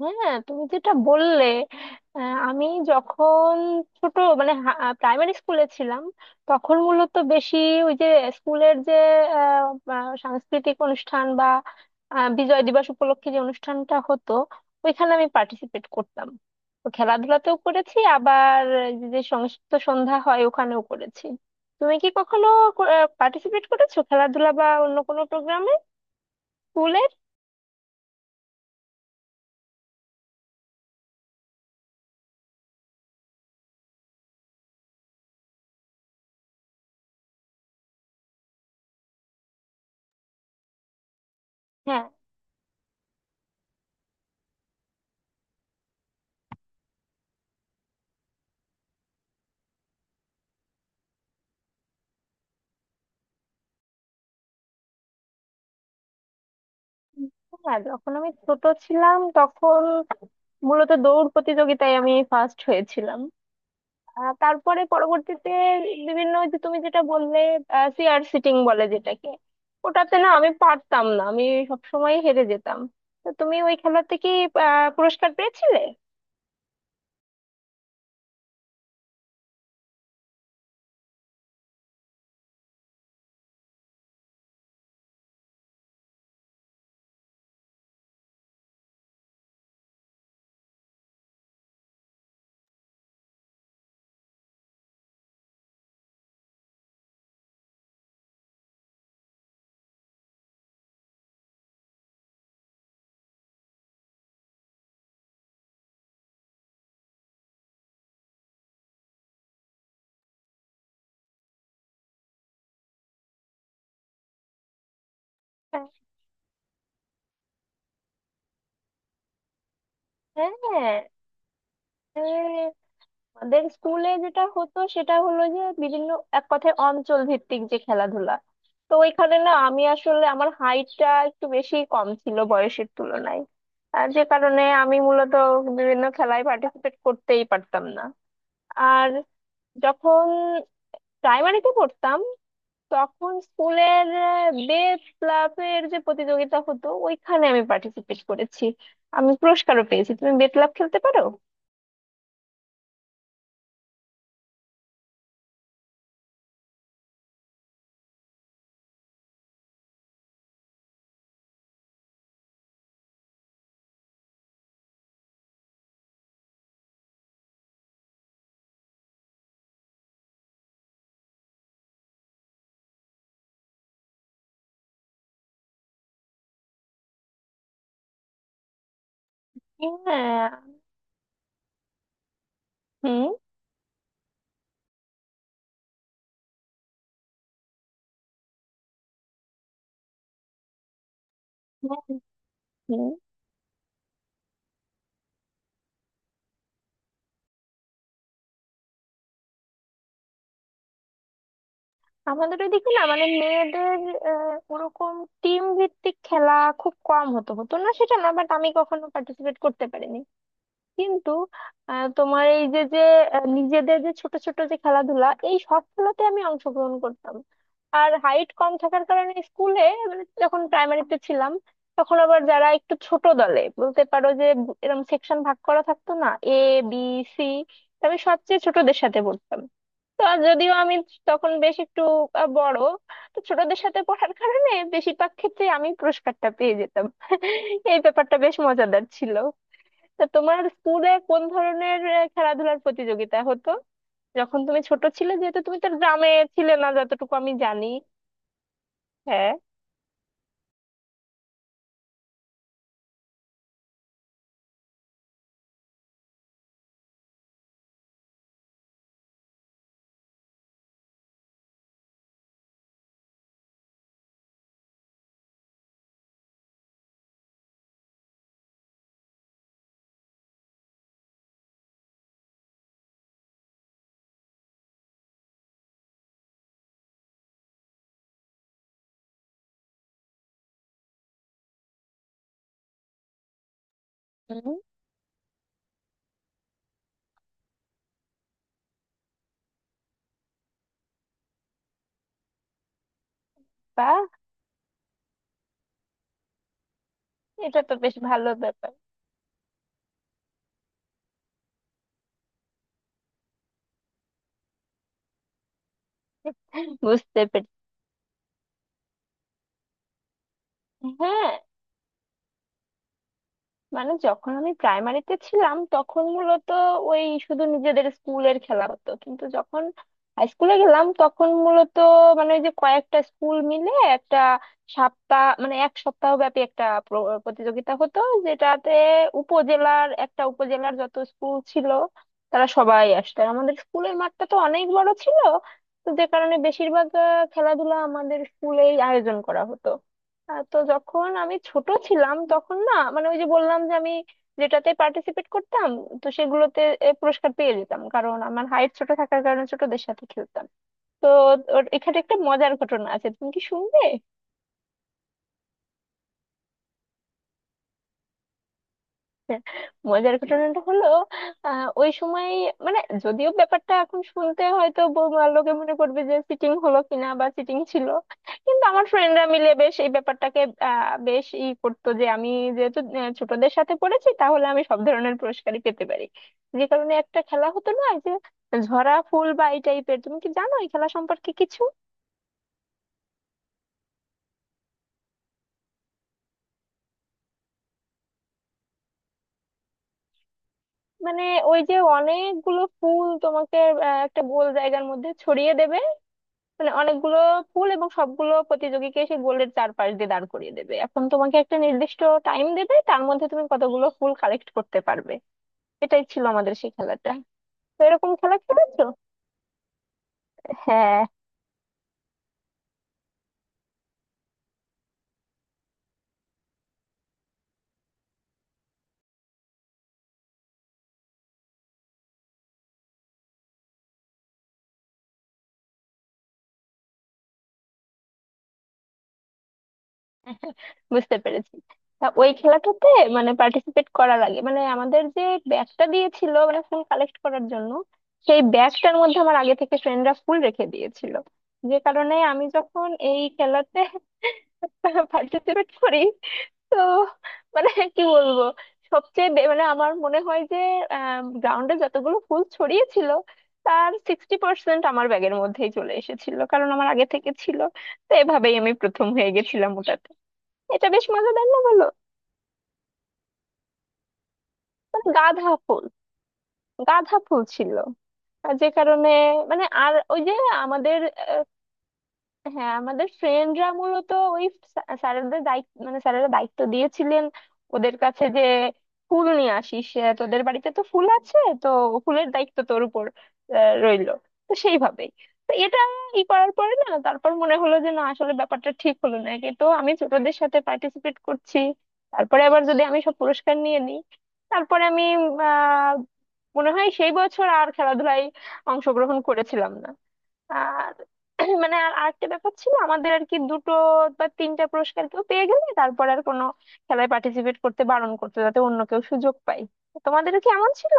হ্যাঁ, তুমি যেটা বললে। আমি যখন ছোট, মানে প্রাইমারি স্কুলে ছিলাম, তখন মূলত বেশি ওই যে স্কুলের যে আহ, আহ, সাংস্কৃতিক অনুষ্ঠান বা বিজয় দিবস উপলক্ষে যে অনুষ্ঠানটা হতো ওইখানে আমি পার্টিসিপেট করতাম। তো খেলাধুলাতেও করেছি, আবার যে যে সংস্কৃত সন্ধ্যা হয় ওখানেও করেছি। তুমি কি কখনো পার্টিসিপেট করেছো খেলাধুলা বা অন্য কোনো প্রোগ্রামে, স্কুলের? হ্যাঁ, হ্যাঁ, যখন আমি ছোট ছিলাম তখন মূলত দৌড় প্রতিযোগিতায় আমি ফার্স্ট হয়েছিলাম। তারপরে পরবর্তীতে বিভিন্ন ওই যে তুমি যেটা বললে চেয়ার সিটিং বলে যেটাকে, ওটাতে না আমি পারতাম না, আমি সবসময় হেরে যেতাম। তো তুমি ওই খেলাতে কি পুরস্কার পেয়েছিলে? হ্যাঁ, হ্যাঁ, হ্যাঁ। আমাদের স্কুলে যেটা হতো সেটা হলো যে বিভিন্ন, এক কথায় অঞ্চল ভিত্তিক যে খেলাধুলা, তো ওইখানে না আমি আসলে আমার হাইটটা একটু বেশি কম ছিল বয়সের তুলনায়। আর যে কারণে আমি মূলত বিভিন্ন খেলায় পার্টিসিপেট করতেই পারতাম না। আর যখন প্রাইমারিতে পড়তাম তখন স্কুলের বেস ক্লাবের যে প্রতিযোগিতা হতো ওইখানে আমি পার্টিসিপেট করেছি, আমি পুরস্কারও পেয়েছি। তুমি বেত ক্লাব খেলতে পারো? হ্যাঁ, হুম, হ্যাঁ, হুম। আমাদের ওইদিকে না মানে মেয়েদের ওরকম টিম ভিত্তিক খেলা খুব কম হতো, হতো না সেটা না, বাট আমি কখনো পার্টিসিপেট করতে পারিনি। কিন্তু তোমার এই যে যে নিজেদের যে ছোট ছোট যে খেলাধুলা এই সব খেলাতে আমি অংশগ্রহণ করতাম। আর হাইট কম থাকার কারণে স্কুলে, মানে যখন প্রাইমারিতে ছিলাম তখন আবার যারা একটু ছোট দলে বলতে পারো যে, এরকম সেকশন ভাগ করা থাকতো, না এ, বি, সি, আমি সবচেয়ে ছোটদের সাথে পড়তাম। তো আর যদিও আমি তখন বেশ একটু বড়, তো ছোটদের সাথে পড়ার কারণে বেশিরভাগ ক্ষেত্রে আমি পুরস্কারটা পেয়ে যেতাম এই ব্যাপারটা বেশ মজাদার ছিল। তা তোমার স্কুলে কোন ধরনের খেলাধুলার প্রতিযোগিতা হতো যখন তুমি ছোট ছিলে, যেহেতু তুমি তো গ্রামে ছিলে না যতটুকু আমি জানি। হ্যাঁ, বা, এটা তো বেশ ভালো ব্যাপার। বুঝতে পেরেছি। হ্যাঁ, মানে যখন আমি প্রাইমারিতে ছিলাম তখন মূলত ওই শুধু নিজেদের স্কুলের খেলা হতো, কিন্তু যখন হাই স্কুলে গেলাম তখন মূলত, মানে ওই যে কয়েকটা স্কুল মিলে একটা সপ্তাহ, মানে এক সপ্তাহ ব্যাপী একটা প্রতিযোগিতা হতো, যেটাতে উপজেলার যত স্কুল ছিল তারা সবাই আসতো। আর আমাদের স্কুলের মাঠটা তো অনেক বড় ছিল, তো যে কারণে বেশিরভাগ খেলাধুলা আমাদের স্কুলেই আয়োজন করা হতো। তো যখন আমি ছোট ছিলাম তখন না, মানে ওই যে বললাম যে আমি যেটাতে পার্টিসিপেট করতাম তো সেগুলোতে পুরস্কার পেয়ে যেতাম কারণ আমার হাইট ছোট থাকার কারণে ছোটদের সাথে খেলতাম। তো এখানে একটা মজার ঘটনা আছে, তুমি কি শুনবে? মজার ঘটনাটা হলো, ওই সময়, মানে যদিও ব্যাপারটা এখন শুনতে হয়তো লোকে মনে করবে যে চিটিং হলো কিনা বা চিটিং ছিল, কিন্তু আমার ফ্রেন্ডরা মিলে বেশ এই ব্যাপারটাকে বেশ ই করতো যে আমি যেহেতু ছোটদের সাথে পড়েছি, তাহলে আমি সব ধরনের পুরস্কারই পেতে পারি। যে কারণে একটা খেলা হতো না, এই যে ঝরা ফুল বা এই টাইপের, তুমি কি জানো এই খেলা সম্পর্কে কিছু? মানে ওই যে অনেকগুলো ফুল তোমাকে একটা গোল জায়গার মধ্যে ছড়িয়ে দেবে, মানে অনেকগুলো পুল, এবং সবগুলো প্রতিযোগীকে সেই গোলের চারপাশ দিয়ে দাঁড় করিয়ে দেবে। এখন তোমাকে একটা নির্দিষ্ট টাইম দেবে, তার মধ্যে তুমি কতগুলো ফুল কালেক্ট করতে পারবে। এটাই ছিল আমাদের সেই খেলাটা। তো এরকম খেলা খেলেছো? হ্যাঁ, বুঝতে পেরেছি। তা ওই খেলাটাতে, মানে পার্টিসিপেট করার আগে, মানে আমাদের যে ব্যাগটা দিয়েছিল মানে ফুল কালেক্ট করার জন্য, সেই ব্যাগটার মধ্যে আমার আগে থেকে ফ্রেন্ডরা ফুল রেখে দিয়েছিল। যে কারণে আমি যখন এই খেলাতে পার্টিসিপেট করি, তো, মানে কি বলবো, মানে আমার মনে হয় যে গ্রাউন্ডে যতগুলো ফুল ছড়িয়েছিল তার 60% আমার ব্যাগের মধ্যেই চলে এসেছিল, কারণ আমার আগে থেকে ছিল। তো এভাবেই আমি প্রথম হয়ে গেছিলাম ওটাতে। এটা বেশ মজাদার না, বলো? মানে গাঁদা ফুল, গাঁদা ফুল ছিল, আর যে কারণে, মানে আর ওই যে আমাদের, হ্যাঁ, আমাদের ফ্রেন্ডরা মূলত ওই স্যারেদের দায়িত্ব, মানে স্যারেরা দায়িত্ব দিয়েছিলেন ওদের কাছে যে ফুল নিয়ে আসিস, তোদের বাড়িতে তো ফুল আছে, তো ফুলের দায়িত্ব তোর উপর রইলো। তো সেইভাবেই, তো এটা ই করার পরে না, তারপর মনে হলো যে না আসলে ব্যাপারটা ঠিক হলো না, কিন্তু আমি ছোটদের সাথে পার্টিসিপেট করছি, তারপরে আবার যদি আমি সব পুরস্কার নিয়ে নিই, তারপরে আমি আহ মনে হয় সেই বছর আর খেলাধুলায় অংশগ্রহণ করেছিলাম না। আর মানে আর আরেকটা ব্যাপার ছিল আমাদের আর কি, দুটো বা তিনটা পুরস্কার কেউ পেয়ে গেলে তারপর আর কোনো খেলায় পার্টিসিপেট করতে বারণ করতো, যাতে অন্য কেউ সুযোগ পায়। তোমাদেরও কি এমন ছিল?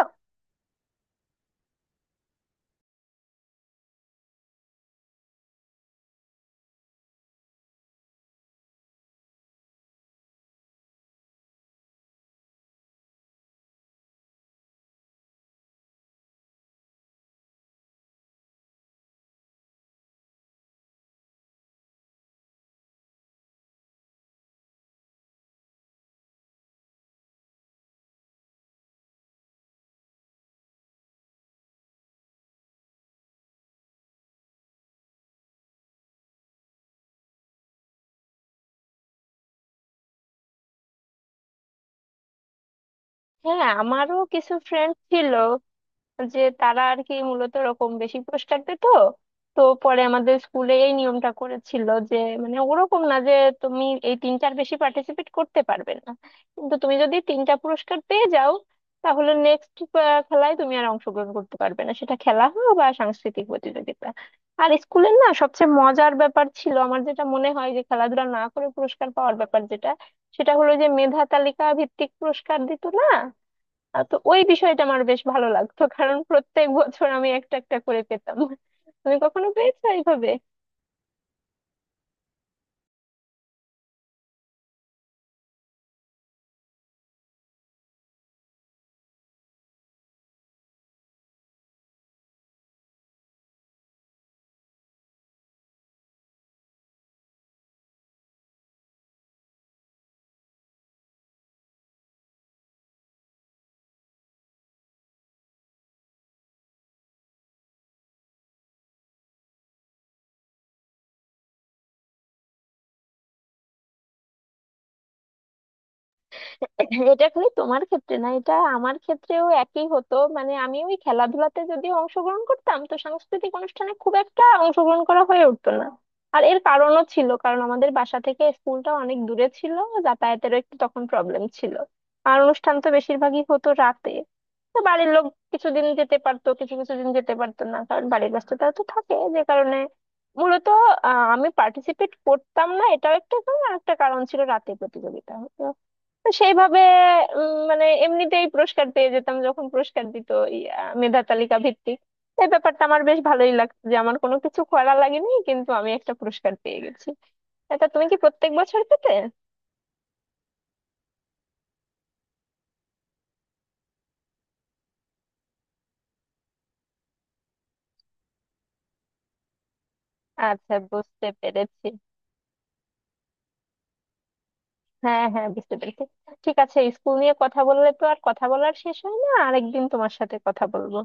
হ্যাঁ, আমারও কিছু ফ্রেন্ড ছিল যে তারা আর কি মূলত ওরকম বেশি পুরস্কার পেত। তো পরে আমাদের স্কুলে এই নিয়মটা করেছিল যে, মানে ওরকম না যে তুমি এই তিনটার বেশি পার্টিসিপেট করতে পারবে না, কিন্তু তুমি যদি তিনটা পুরস্কার পেয়ে যাও তাহলে নেক্সট খেলায় তুমি আর অংশগ্রহণ করতে পারবে না, সেটা খেলা হোক বা সাংস্কৃতিক প্রতিযোগিতা। আর স্কুলের না সবচেয়ে মজার ব্যাপার ছিল আমার, যেটা মনে হয় যে খেলাধুলা না করে পুরস্কার পাওয়ার ব্যাপার যেটা, সেটা হলো যে মেধা তালিকা ভিত্তিক পুরস্কার দিত না। তো ওই বিষয়টা আমার বেশ ভালো লাগতো, কারণ প্রত্যেক বছর আমি একটা একটা করে পেতাম। তুমি কখনো পেয়েছো এইভাবে? এটা খালি তোমার ক্ষেত্রে না, এটা আমার ক্ষেত্রেও একই হতো, মানে আমি ওই খেলাধুলাতে যদি অংশগ্রহণ করতাম তো সাংস্কৃতিক অনুষ্ঠানে খুব একটা অংশগ্রহণ করা হয়ে উঠতো না। আর এর কারণও ছিল, কারণ আমাদের বাসা থেকে স্কুলটা অনেক দূরে ছিল, যাতায়াতেরও একটু তখন প্রবলেম ছিল। আর অনুষ্ঠান তো বেশিরভাগই হতো রাতে, তো বাড়ির লোক কিছুদিন যেতে পারতো, কিছু কিছু দিন যেতে পারতো না, কারণ বাড়ির ব্যস্ততা তো থাকে। যে কারণে মূলত আমি পার্টিসিপেট করতাম না, এটাও একটা কারণ, আর একটা কারণ ছিল রাতে প্রতিযোগিতা। তো সেইভাবে মানে এমনিতেই পুরস্কার পেয়ে যেতাম যখন পুরস্কার দিত, ইয়া, মেধা তালিকা ভিত্তিক। এই ব্যাপারটা আমার বেশ ভালোই লাগতো যে আমার কোনো কিছু করা লাগেনি কিন্তু আমি একটা পুরস্কার পেয়ে গেছি। এটা তুমি কি প্রত্যেক বছর পেতে? আচ্ছা, বুঝতে পেরেছি। হ্যাঁ, হ্যাঁ, বুঝতে পেরেছি। ঠিক আছে, স্কুল নিয়ে কথা বললে তো আর কথা বলার শেষ হয় না, আরেকদিন তোমার সাথে কথা বলবো।